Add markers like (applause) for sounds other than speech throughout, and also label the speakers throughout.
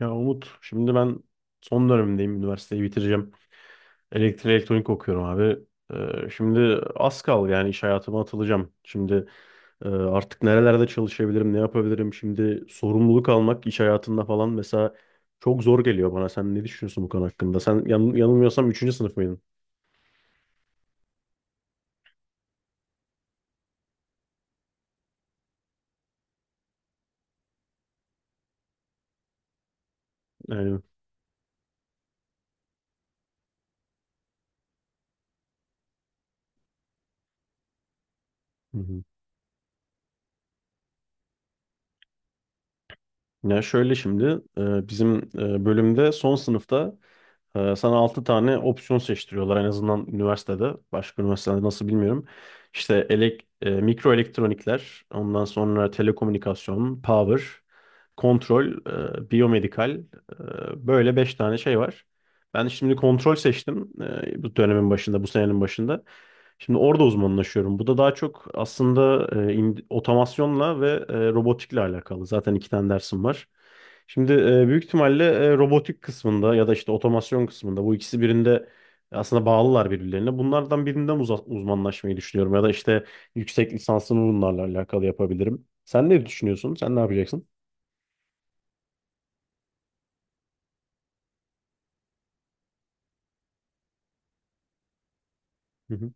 Speaker 1: Ya Umut, şimdi ben son dönemimdeyim. Üniversiteyi bitireceğim. Elektrik elektronik okuyorum abi. Şimdi az kaldı yani iş hayatıma atılacağım. Şimdi artık nerelerde çalışabilirim, ne yapabilirim? Şimdi sorumluluk almak iş hayatında falan mesela çok zor geliyor bana. Sen ne düşünüyorsun bu konu hakkında? Sen yanılmıyorsam üçüncü sınıf mıydın? Yani, hı hı. Ya şöyle şimdi bizim bölümde son sınıfta sana 6 tane opsiyon seçtiriyorlar en azından üniversitede. Başka üniversitelerde nasıl bilmiyorum. İşte mikro elektronikler, ondan sonra telekomünikasyon, power, kontrol, biyomedikal. Böyle 5 tane şey var. Ben şimdi kontrol seçtim bu dönemin başında, bu senenin başında. Şimdi orada uzmanlaşıyorum. Bu da daha çok aslında otomasyonla ve robotikle alakalı. Zaten iki tane dersim var. Şimdi büyük ihtimalle robotik kısmında ya da işte otomasyon kısmında bu ikisi birinde aslında bağlılar birbirlerine. Bunlardan birinden uzmanlaşmayı düşünüyorum ya da işte yüksek lisansımı bunlarla alakalı yapabilirim. Sen ne düşünüyorsun? Sen ne yapacaksın? Hı hı.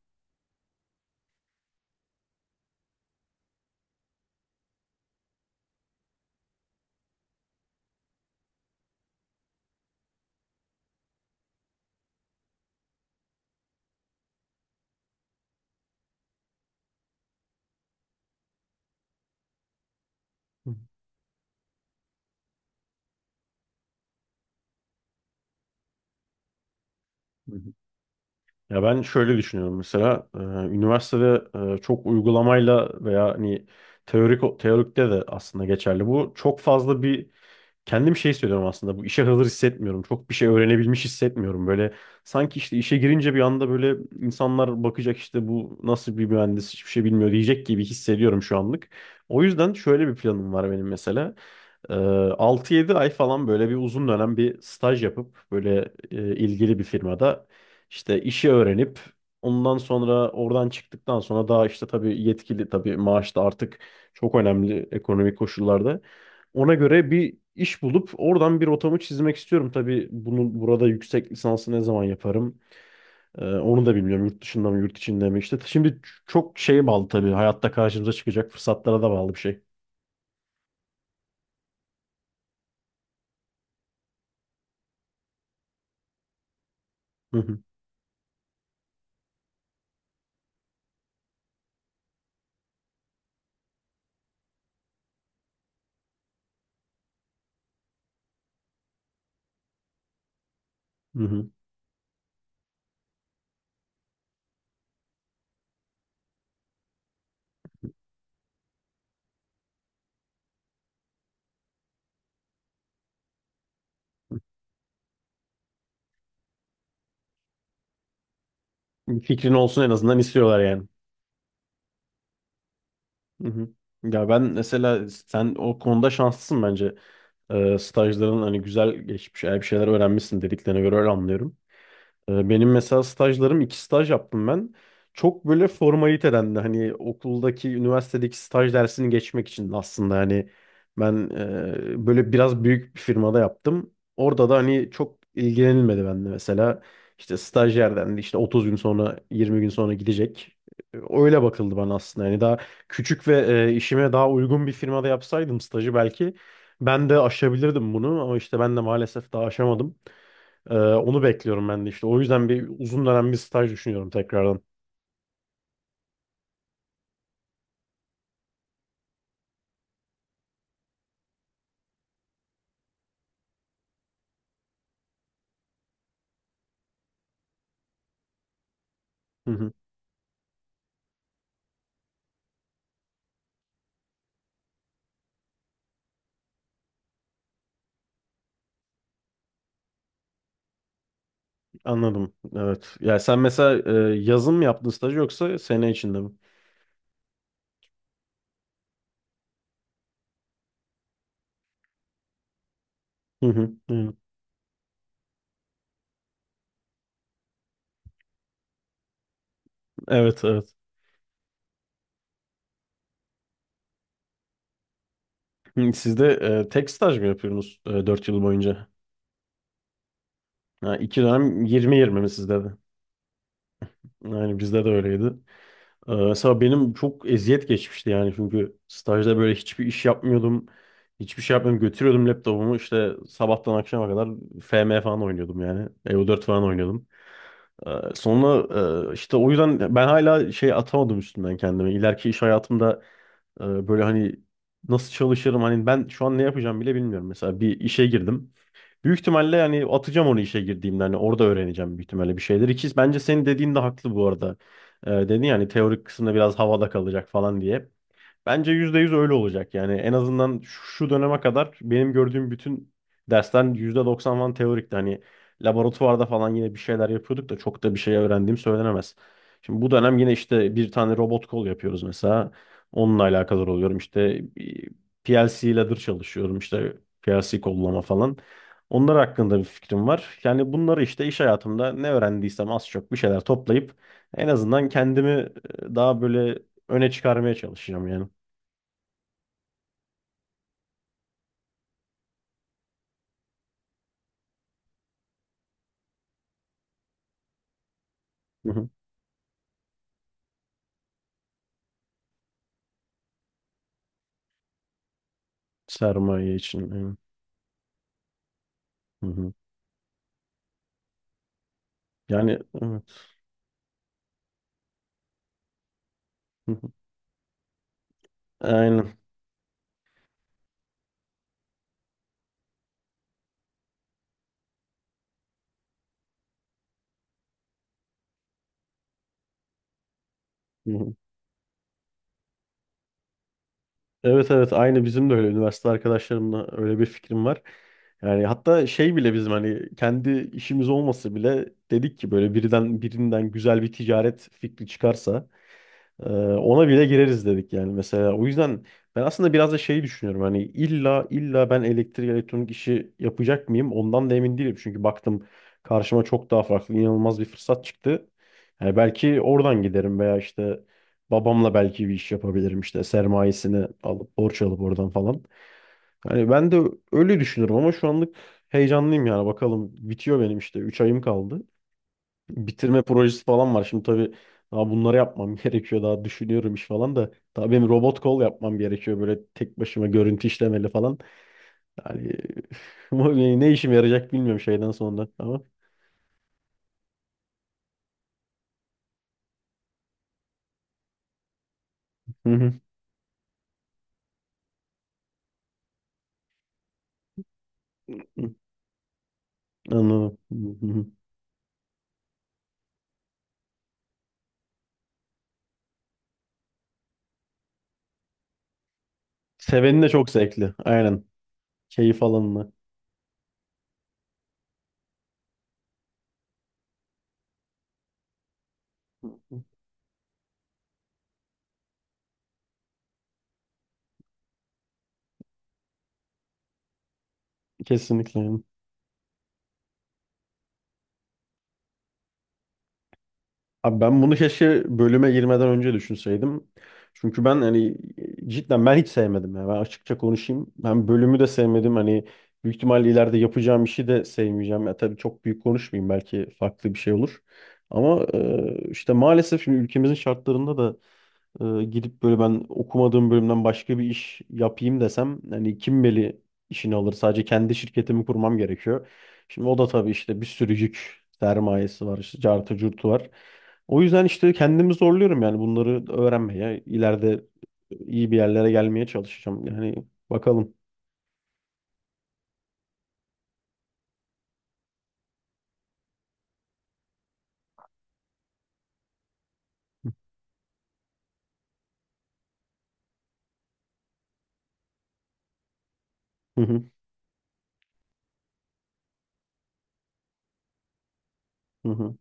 Speaker 1: Hı hı. Ya ben şöyle düşünüyorum mesela, üniversitede çok uygulamayla veya hani teorikte de aslında geçerli bu. Çok fazla bir kendim şey söylüyorum, aslında bu işe hazır hissetmiyorum. Çok bir şey öğrenebilmiş hissetmiyorum. Böyle sanki işte işe girince bir anda böyle insanlar bakacak, işte bu nasıl bir mühendis, hiçbir şey bilmiyor diyecek gibi hissediyorum şu anlık. O yüzden şöyle bir planım var benim mesela. Ee, 6-7 ay falan böyle bir uzun dönem bir staj yapıp böyle ilgili bir firmada işte işi öğrenip, ondan sonra oradan çıktıktan sonra daha işte tabii yetkili, tabii maaş da artık çok önemli ekonomik koşullarda. Ona göre bir iş bulup oradan bir rotamı çizmek istiyorum. Tabii bunu burada, yüksek lisansı ne zaman yaparım? Onu da bilmiyorum. Yurt dışında mı, yurt içinde mi? İşte şimdi çok şeye bağlı tabii. Hayatta karşımıza çıkacak fırsatlara da bağlı bir şey. Hı hı. Hı hı. Bir fikrin olsun en azından istiyorlar yani. Hı hı. Ya ben mesela, sen o konuda şanslısın bence. Stajların hani güzel geçmiş, eğer bir şeyler öğrenmişsin dediklerine göre öyle anlıyorum. Benim mesela stajlarım, iki staj yaptım ben. Çok böyle formaliteden de, hani okuldaki üniversitedeki staj dersini geçmek için aslında, yani ben böyle biraz büyük bir firmada yaptım. Orada da hani çok ilgilenilmedi bende mesela. İşte stajyer dendi, işte 30 gün sonra 20 gün sonra gidecek. Öyle bakıldı bana aslında. Yani daha küçük ve işime daha uygun bir firmada yapsaydım stajı, belki ben de aşabilirdim bunu, ama işte ben de maalesef daha aşamadım. Onu bekliyorum ben de işte. O yüzden bir uzun dönem bir staj düşünüyorum tekrardan. Hı hı, anladım. Evet. Ya sen mesela yazın mı yaptın staj yoksa sene içinde mi? Hı hı, hı. Evet, evet. Hı, siz de tek staj mı yapıyorsunuz 4 yıl boyunca? Ha, iki dönem 20-20 mi sizde de? Yani bizde de öyleydi. Mesela benim çok eziyet geçmişti yani, çünkü stajda böyle hiçbir iş yapmıyordum. Hiçbir şey yapmıyordum. Götürüyordum laptopumu, işte sabahtan akşama kadar FM falan oynuyordum yani. EO4 falan oynuyordum. Sonra işte o yüzden ben hala şey atamadım üstümden kendimi, İleriki iş hayatımda böyle hani nasıl çalışırım, hani ben şu an ne yapacağım bile bilmiyorum. Mesela bir işe girdim. Büyük ihtimalle yani atacağım onu, işe girdiğimde hani orada öğreneceğim büyük ihtimalle bir şeyler. İki, bence senin dediğin de haklı bu arada. Dedin yani teorik kısımda biraz havada kalacak falan diye. Bence %100 öyle olacak. Yani en azından şu döneme kadar benim gördüğüm bütün derslerin 90 falan teorikti. Hani laboratuvarda falan yine bir şeyler yapıyorduk da, çok da bir şey öğrendiğim söylenemez. Şimdi bu dönem yine işte bir tane robot kol yapıyoruz mesela. Onunla alakadar oluyorum. İşte PLC ladder çalışıyorum. İşte PLC kollama falan. Onlar hakkında bir fikrim var. Yani bunları, işte iş hayatımda ne öğrendiysem az çok bir şeyler toplayıp en azından kendimi daha böyle öne çıkarmaya çalışacağım yani. Hı hı. Sermaye için. Evet. Hı hı. Yani evet. Hı hı. Aynen. Hı hı. Evet, evet, aynı bizim de öyle, üniversite arkadaşlarımla öyle bir fikrim var. Yani hatta şey bile bizim, hani kendi işimiz olması bile, dedik ki böyle birden birinden güzel bir ticaret fikri çıkarsa Ee, ona bile gireriz dedik yani mesela. O yüzden ben aslında biraz da şeyi düşünüyorum. Hani illa illa ben elektrik elektronik işi yapacak mıyım? Ondan da emin değilim. Çünkü baktım karşıma çok daha farklı, inanılmaz bir fırsat çıktı. Yani belki oradan giderim veya işte babamla belki bir iş yapabilirim, işte sermayesini alıp, borç alıp oradan falan. Hani ben de öyle düşünüyorum, ama şu anlık heyecanlıyım yani, bakalım bitiyor benim, işte 3 ayım kaldı, bitirme projesi falan var. Şimdi tabii daha bunları yapmam (laughs) gerekiyor. Daha düşünüyorum iş falan da. Tabii benim robot kol yapmam gerekiyor. Böyle tek başıma görüntü işlemeli falan. Yani (laughs) ama ne işime yarayacak bilmiyorum şeyden sonra. Ama hı hı. Anladım. Hı hı. Seveni de çok zevkli. Aynen. Keyif alanına. Kesinlikle. Abi ben bunu keşke bölüme girmeden önce düşünseydim. Çünkü ben, hani cidden ben hiç sevmedim ya. Ben açıkça konuşayım. Ben bölümü de sevmedim. Hani büyük ihtimalle ileride yapacağım işi de sevmeyeceğim. Ya tabii çok büyük konuşmayayım, belki farklı bir şey olur. Ama işte maalesef şimdi ülkemizin şartlarında da gidip böyle ben okumadığım bölümden başka bir iş yapayım desem, hani kim beli işini alır? Sadece kendi şirketimi kurmam gerekiyor. Şimdi o da tabii işte bir sürü yük, sermayesi var, işte cartı curtu var. O yüzden işte kendimi zorluyorum yani bunları öğrenmeye. İleride iyi bir yerlere gelmeye çalışacağım. Yani bakalım. Hı hı, hı hı.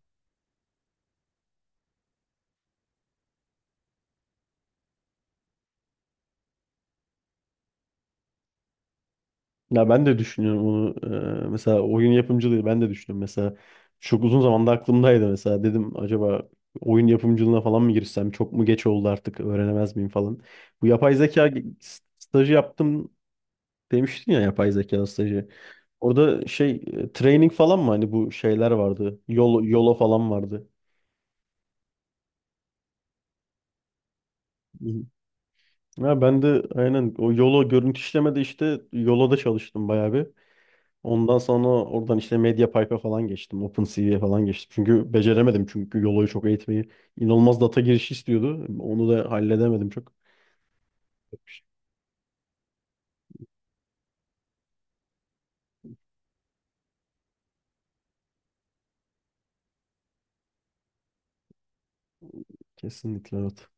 Speaker 1: Ya ben de düşünüyorum onu. Mesela oyun yapımcılığı ben de düşünüyorum. Mesela çok uzun zamanda aklımdaydı mesela. Dedim acaba oyun yapımcılığına falan mı girsem? Çok mu geç oldu artık, öğrenemez miyim falan. Bu yapay zeka stajı yaptım demiştin ya, yapay zeka stajı. Orada şey, training falan mı hani, bu şeyler vardı. Yolo, Yolo falan vardı. Hı hı. Ya ben de aynen o Yolo, görüntü işlemede işte Yolo'da çalıştım bayağı bir. Ondan sonra oradan işte MediaPipe'a falan geçtim. OpenCV'ye falan geçtim. Çünkü beceremedim, çünkü Yolo'yu çok eğitmeyi. İnanılmaz data girişi istiyordu. Onu da halledemedim çok. Kesinlikle evet.